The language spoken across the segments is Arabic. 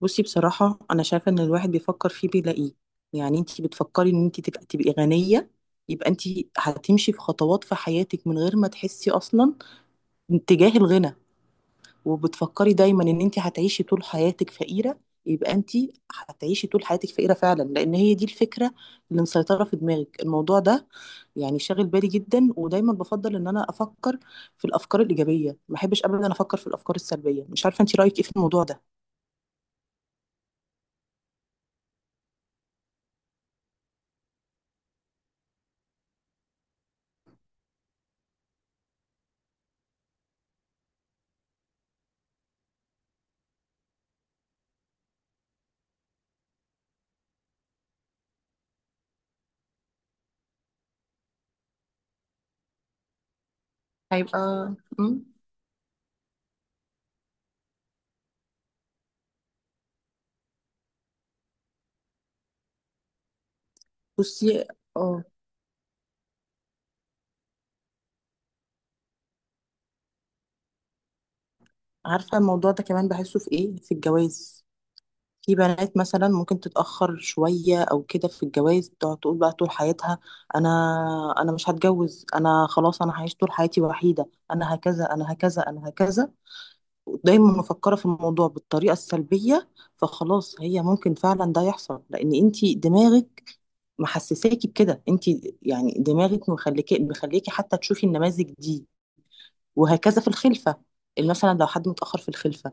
بصي، بصراحة أنا شايفة إن الواحد بيفكر فيه بيلاقيه. يعني أنتي بتفكري إن أنتي تبقي غنية، يبقى أنتي هتمشي في خطوات في حياتك من غير ما تحسي أصلا اتجاه الغنى. وبتفكري دايما إن أنتي هتعيشي طول حياتك فقيرة، يبقى أنتي هتعيشي طول حياتك فقيرة فعلا، لأن هي دي الفكرة اللي مسيطرة في دماغك. الموضوع ده يعني شاغل بالي جدا، ودايما بفضل إن أنا أفكر في الأفكار الإيجابية. ما بحبش أبدا أفكر في الأفكار السلبية. مش عارفة أنتي رأيك إيه في الموضوع ده؟ هيبقى. مم. بصي. اه. عارفة، الموضوع ده كمان بحسه في ايه، في الجواز. في بنات مثلا ممكن تتأخر شوية او كده في الجواز، تقعد تقول بقى طول حياتها: انا انا مش هتجوز، انا خلاص انا هعيش طول حياتي وحيدة، انا هكذا انا هكذا انا هكذا. دايما مفكرة في الموضوع بالطريقة السلبية، فخلاص هي ممكن فعلا ده يحصل، لان انتي دماغك محسساكي بكده. انتي يعني دماغك مخليكي حتى تشوفي النماذج دي. وهكذا في الخلفة، مثلا لو حد متأخر في الخلفة،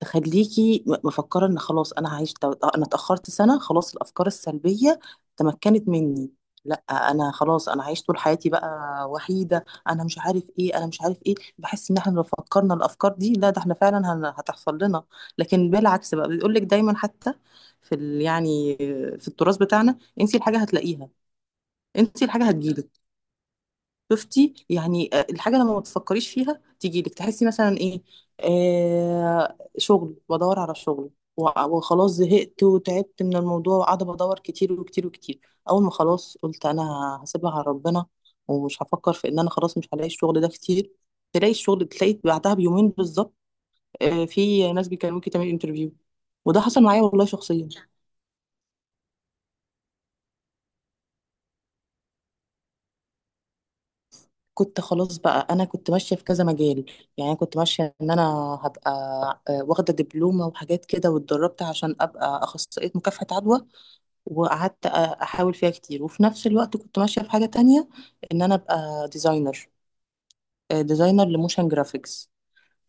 تخليكي مفكرة ان خلاص انا انا اتأخرت سنة، خلاص الافكار السلبية تمكنت مني. لا، انا خلاص انا عايش طول حياتي بقى وحيدة، انا مش عارف ايه انا مش عارف ايه. بحس ان احنا لو فكرنا الافكار دي، لا ده احنا فعلا هتحصل لنا. لكن بالعكس بقى، بيقول لك دايما، حتى في ال يعني في التراث بتاعنا: انسي الحاجة هتلاقيها. انسي الحاجة هتجيلك. شفتي يعني الحاجه لما ما تفكريش فيها تيجي لك، تحسي مثلا ايه. شغل بدور على شغل و- وخلاص زهقت وتعبت من الموضوع، وقاعده بدور كتير وكتير وكتير. اول ما خلاص قلت انا هسيبها على ربنا، ومش هفكر في ان انا خلاص مش هلاقي الشغل ده كتير، تلاقي الشغل، تلاقي بعدها بيومين بالظبط. في ناس بيكلموكي تعملي انترفيو. وده حصل معايا والله شخصيا. كنت خلاص بقى، انا كنت ماشيه في كذا مجال. يعني أنا كنت ماشيه ان انا هبقى واخده دبلومه وحاجات كده، واتدربت عشان ابقى اخصائيه مكافحه عدوى. وقعدت احاول فيها كتير، وفي نفس الوقت كنت ماشيه في حاجه تانية، ان انا ابقى ديزاينر. ديزاينر لموشن جرافيكس.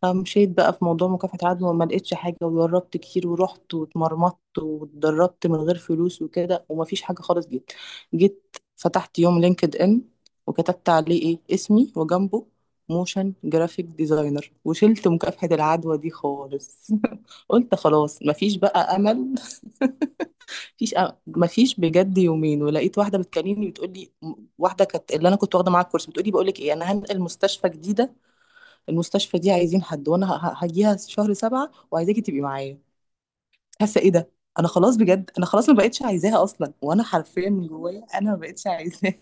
فمشيت بقى في موضوع مكافحة العدوى، وما لقيتش حاجة، وجربت كتير ورحت واتمرمطت واتدربت من غير فلوس وكده، ومفيش حاجة خالص. جيت فتحت يوم لينكد ان، وكتبت عليه ايه اسمي، وجنبه موشن جرافيك ديزاينر، وشلت مكافحة العدوى دي خالص. قلت خلاص مفيش بقى امل، مفيش أمل. مفيش بجد يومين ولقيت واحدة بتكلمني بتقول لي، واحدة كانت اللي انا كنت واخدة معاها الكورس، بتقول لي بقول لك ايه، انا هنقل مستشفى جديدة، المستشفى دي عايزين حد، وانا هجيها شهر 7، وعايزاكي تبقي معايا. حاسه ايه ده؟ انا خلاص بجد، انا خلاص ما بقتش عايزاها اصلا، وانا حرفيا من جوايا انا ما بقتش عايزاها.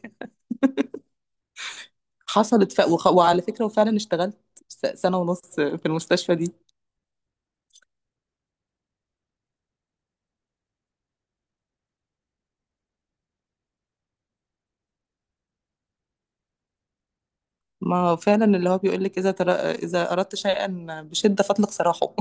حصلت وعلى فكره وفعلا اشتغلت سنه ونص في المستشفى دي. ما هو فعلا، اللي هو بيقول لك: اذا اردت شيئا بشده فاطلق سراحه.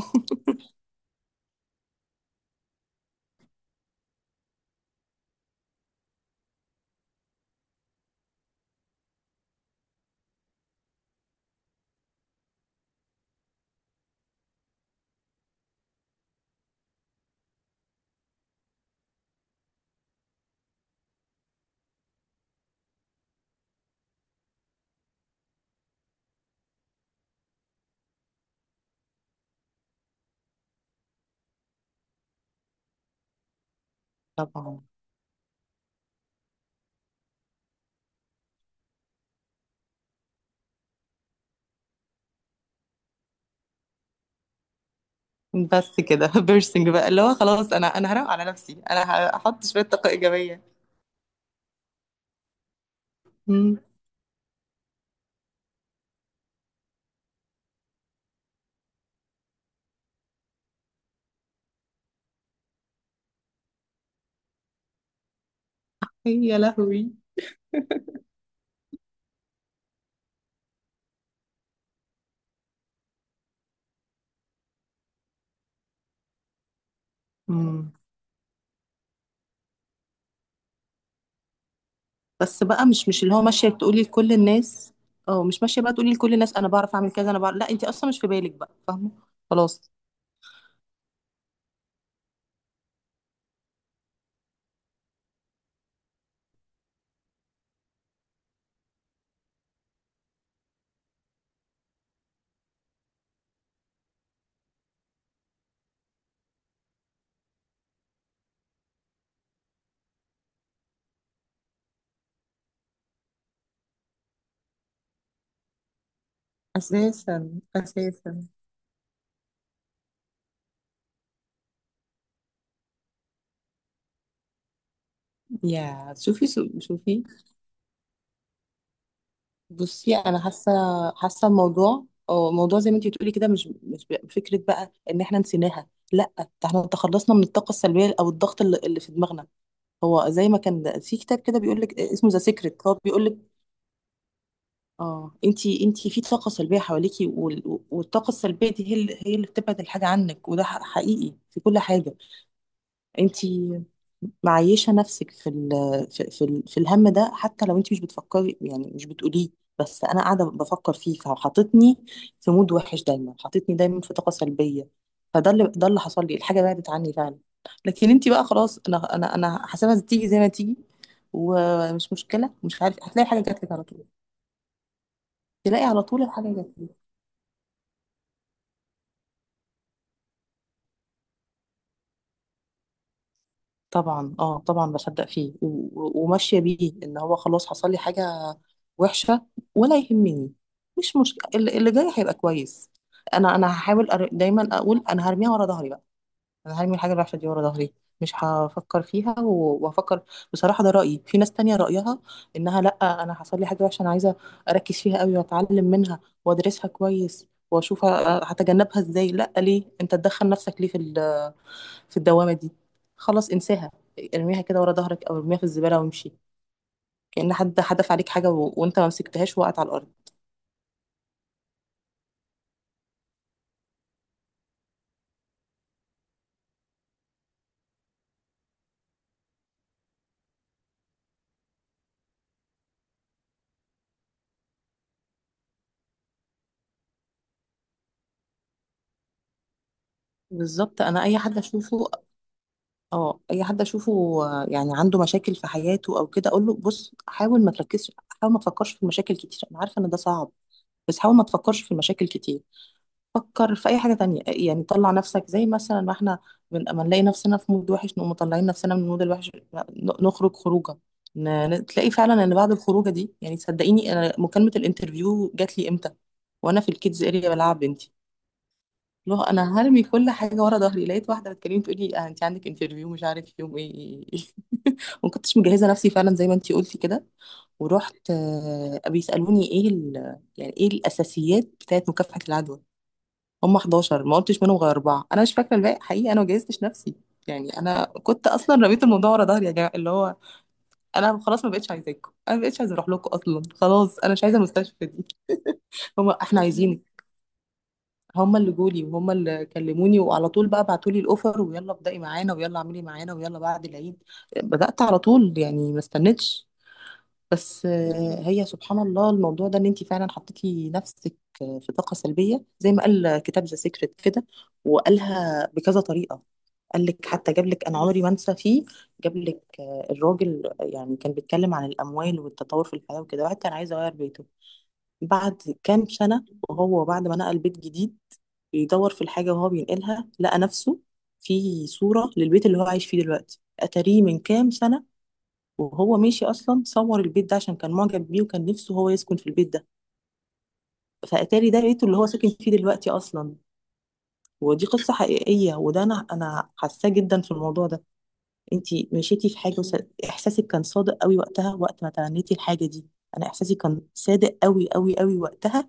طبعا. بس كده بيرسينج بقى، اللي هو خلاص انا هروق على نفسي، انا هحط شويه طاقه ايجابيه. مم. يا لهوي. بس بقى مش اللي هو ماشية تقولي لكل الناس. اه، مش ماشية بقى تقولي لكل الناس انا بعرف اعمل كذا انا بعرف، لا، انت اصلا مش في بالك بقى، فاهمة؟ خلاص. اساسا. اساسا. يا شوفي شوفي. بصي انا حاسة، حاسة الموضوع. اه، الموضوع زي ما انت بتقولي كده، مش مش بقى- فكرة بقى ان احنا نسيناها، لا، ده احنا تخلصنا من الطاقة السلبية او الضغط اللي في دماغنا. هو زي ما كان في كتاب كده، بيقول لك اسمه ذا سيكريت، هو بيقول لك اه، انتي في طاقة سلبية حواليكي، والطاقة السلبية دي هي اللي بتبعد الحاجة عنك، وده حقيقي في كل حاجة. انتي معيشة نفسك في ال في في, ال في الهم ده، حتى لو انتي مش بتفكري، يعني مش بتقوليه، بس انا قاعدة بفكر فيه، فحطتني في مود وحش، دايما حطتني دايما في طاقة سلبية، فده اللي حصل لي، الحاجة بعدت عني فعلا. لكن انتي بقى خلاص، انا حاسبها تيجي زي ما تيجي، ومش مشكلة، مش عارف، هتلاقي حاجة جات لك على طول. تلاقي على طول الحاجة جات. طبعا اه، طبعا بصدق فيه وماشيه بيه. ان هو خلاص حصل لي حاجه وحشه، ولا يهمني، مش مشكله، اللي جاي هيبقى كويس. انا دايما اقول انا هرميها ورا ظهري بقى، انا هرمي الحاجه الوحشه دي ورا ظهري، مش هفكر فيها وهفكر. بصراحه ده رايي، في ناس تانية رايها انها لا، انا حصل لي حاجه وحشه انا عايزه اركز فيها قوي واتعلم منها وادرسها كويس، واشوف هتجنبها ازاي. لا، ليه انت تدخل نفسك ليه في في الدوامة دي؟ خلاص، انساها، ارميها كده ورا ظهرك، او ارميها في الزبالة وامشي، كأن حد حدف عليك حاجة وانت ما مسكتهاش، وقعت على الأرض. بالظبط، انا اي حد اشوفه، اه، اي حد اشوفه يعني عنده مشاكل في حياته او كده، اقول له بص حاول ما تركزش، حاول ما تفكرش في المشاكل كتير، انا عارفة ان ده صعب، بس حاول ما تفكرش في المشاكل كتير، فكر في اي حاجه تانية. يعني طلع نفسك، زي مثلا ما احنا ما نلاقي نفسنا في مود وحش نقوم مطلعين نفسنا من المود الوحش، نخرج خروجه، تلاقي فعلا ان بعد الخروجه دي يعني. صدقيني انا مكالمه الانترفيو جات لي امتى؟ وانا في الكيدز اريا بلعب بنتي، لو انا هرمي كل حاجه ورا ظهري، لقيت واحده بتكلمني تقول لي آه انت عندك انترفيو مش عارف يوم ايه. ما كنتش مجهزه نفسي فعلا زي ما انت قلتي كده، ورحت بيسالوني ايه يعني ايه الاساسيات بتاعت مكافحه العدوى. هم 11، ما قلتش منهم غير اربعه، انا مش فاكره الباقي حقيقي، انا ما جهزتش نفسي. يعني انا كنت اصلا رميت الموضوع ورا ظهري، يا جماعه اللي هو انا خلاص ما بقتش عايزاكم، انا ما بقتش عايزه اروح لكم اصلا، خلاص انا مش عايزه المستشفى دي. هم احنا عايزينك. هم اللي جولي، وهم اللي كلموني، وعلى طول بقى بعتوا لي الاوفر، ويلا ابدأي معانا، ويلا اعملي معانا، ويلا بعد العيد بدأت على طول، يعني ما استنيتش. بس هي سبحان الله، الموضوع ده ان انت فعلا حطيتي نفسك في طاقه سلبيه زي ما قال كتاب ذا سيكريت كده، وقالها بكذا طريقه. قال لك حتى، جاب لك انا عمري ما انسى فيه، جاب لك الراجل يعني كان بيتكلم عن الاموال والتطور في الحياه وكده، واحد كان عايز يغير بيته بعد كام سنه، وهو بعد ما نقل بيت جديد، بيدور في الحاجه وهو بينقلها، لقى نفسه في صوره للبيت اللي هو عايش فيه دلوقتي. اتاريه من كام سنه وهو ماشي اصلا صور البيت ده عشان كان معجب بيه، وكان نفسه هو يسكن في البيت ده، فاتاري ده بيته اللي هو ساكن فيه دلوقتي اصلا. ودي قصة حقيقية، وده انا حاساه جدا في الموضوع ده. انتي مشيتي في حاجة احساسك كان صادق قوي وقتها، وقت ما تمنيتي الحاجة دي. انا احساسي كان صادق قوي قوي قوي وقتها.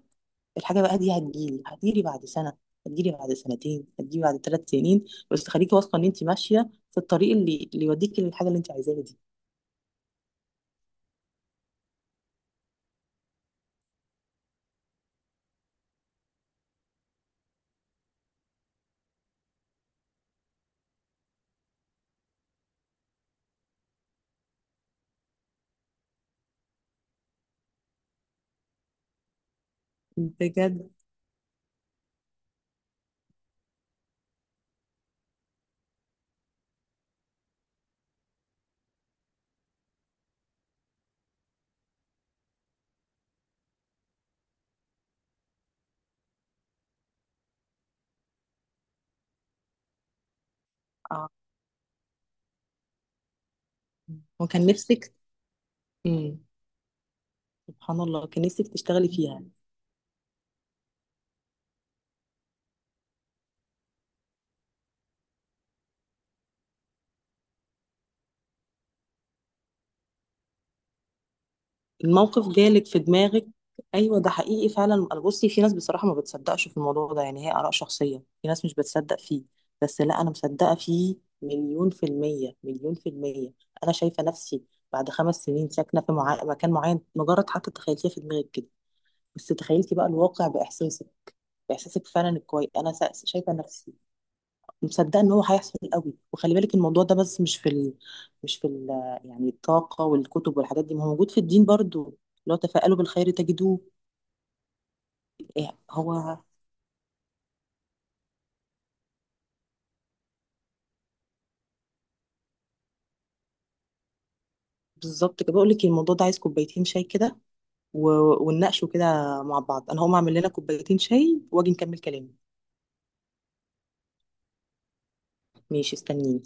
الحاجة بقى دي هتجيلي بعد سنة، هتجيلي بعد سنتين، هتجيلي بعد 3 سنين، بس خليكي واثقة ان انتي ماشية في الطريق اللي يوديكي للحاجة اللي انتي عايزاها دي. بجد. آه. وكان نفسك. مم. سبحان الله، كان نفسك تشتغلي فيها، الموقف جالك في دماغك. ايوه ده حقيقي فعلا. بصي، في ناس بصراحه ما بتصدقش في الموضوع ده، يعني هي اراء شخصيه، في ناس مش بتصدق فيه، بس لا انا مصدقه فيه، مليون في الميه مليون في الميه. انا شايفه نفسي بعد 5 سنين ساكنه في مكان معين، مجرد حتى تخيلتيها في دماغك كده، بس تخيلتي بقى الواقع باحساسك، باحساسك فعلا الكويس، انا شايفه نفسي مصدقه ان هو هيحصل قوي. وخلي بالك الموضوع ده، بس مش في ال... مش في ال... يعني الطاقه والكتب والحاجات دي، ما هو موجود في الدين برضو: لو تفاءلوا بالخير تجدوه. إيه هو بالظبط كده. بقول لك الموضوع ده عايز كوبايتين شاي كده و... ونناقشه كده مع بعض. انا هقوم اعمل لنا كوبايتين شاي واجي نكمل كلامي. ماشي استنيني.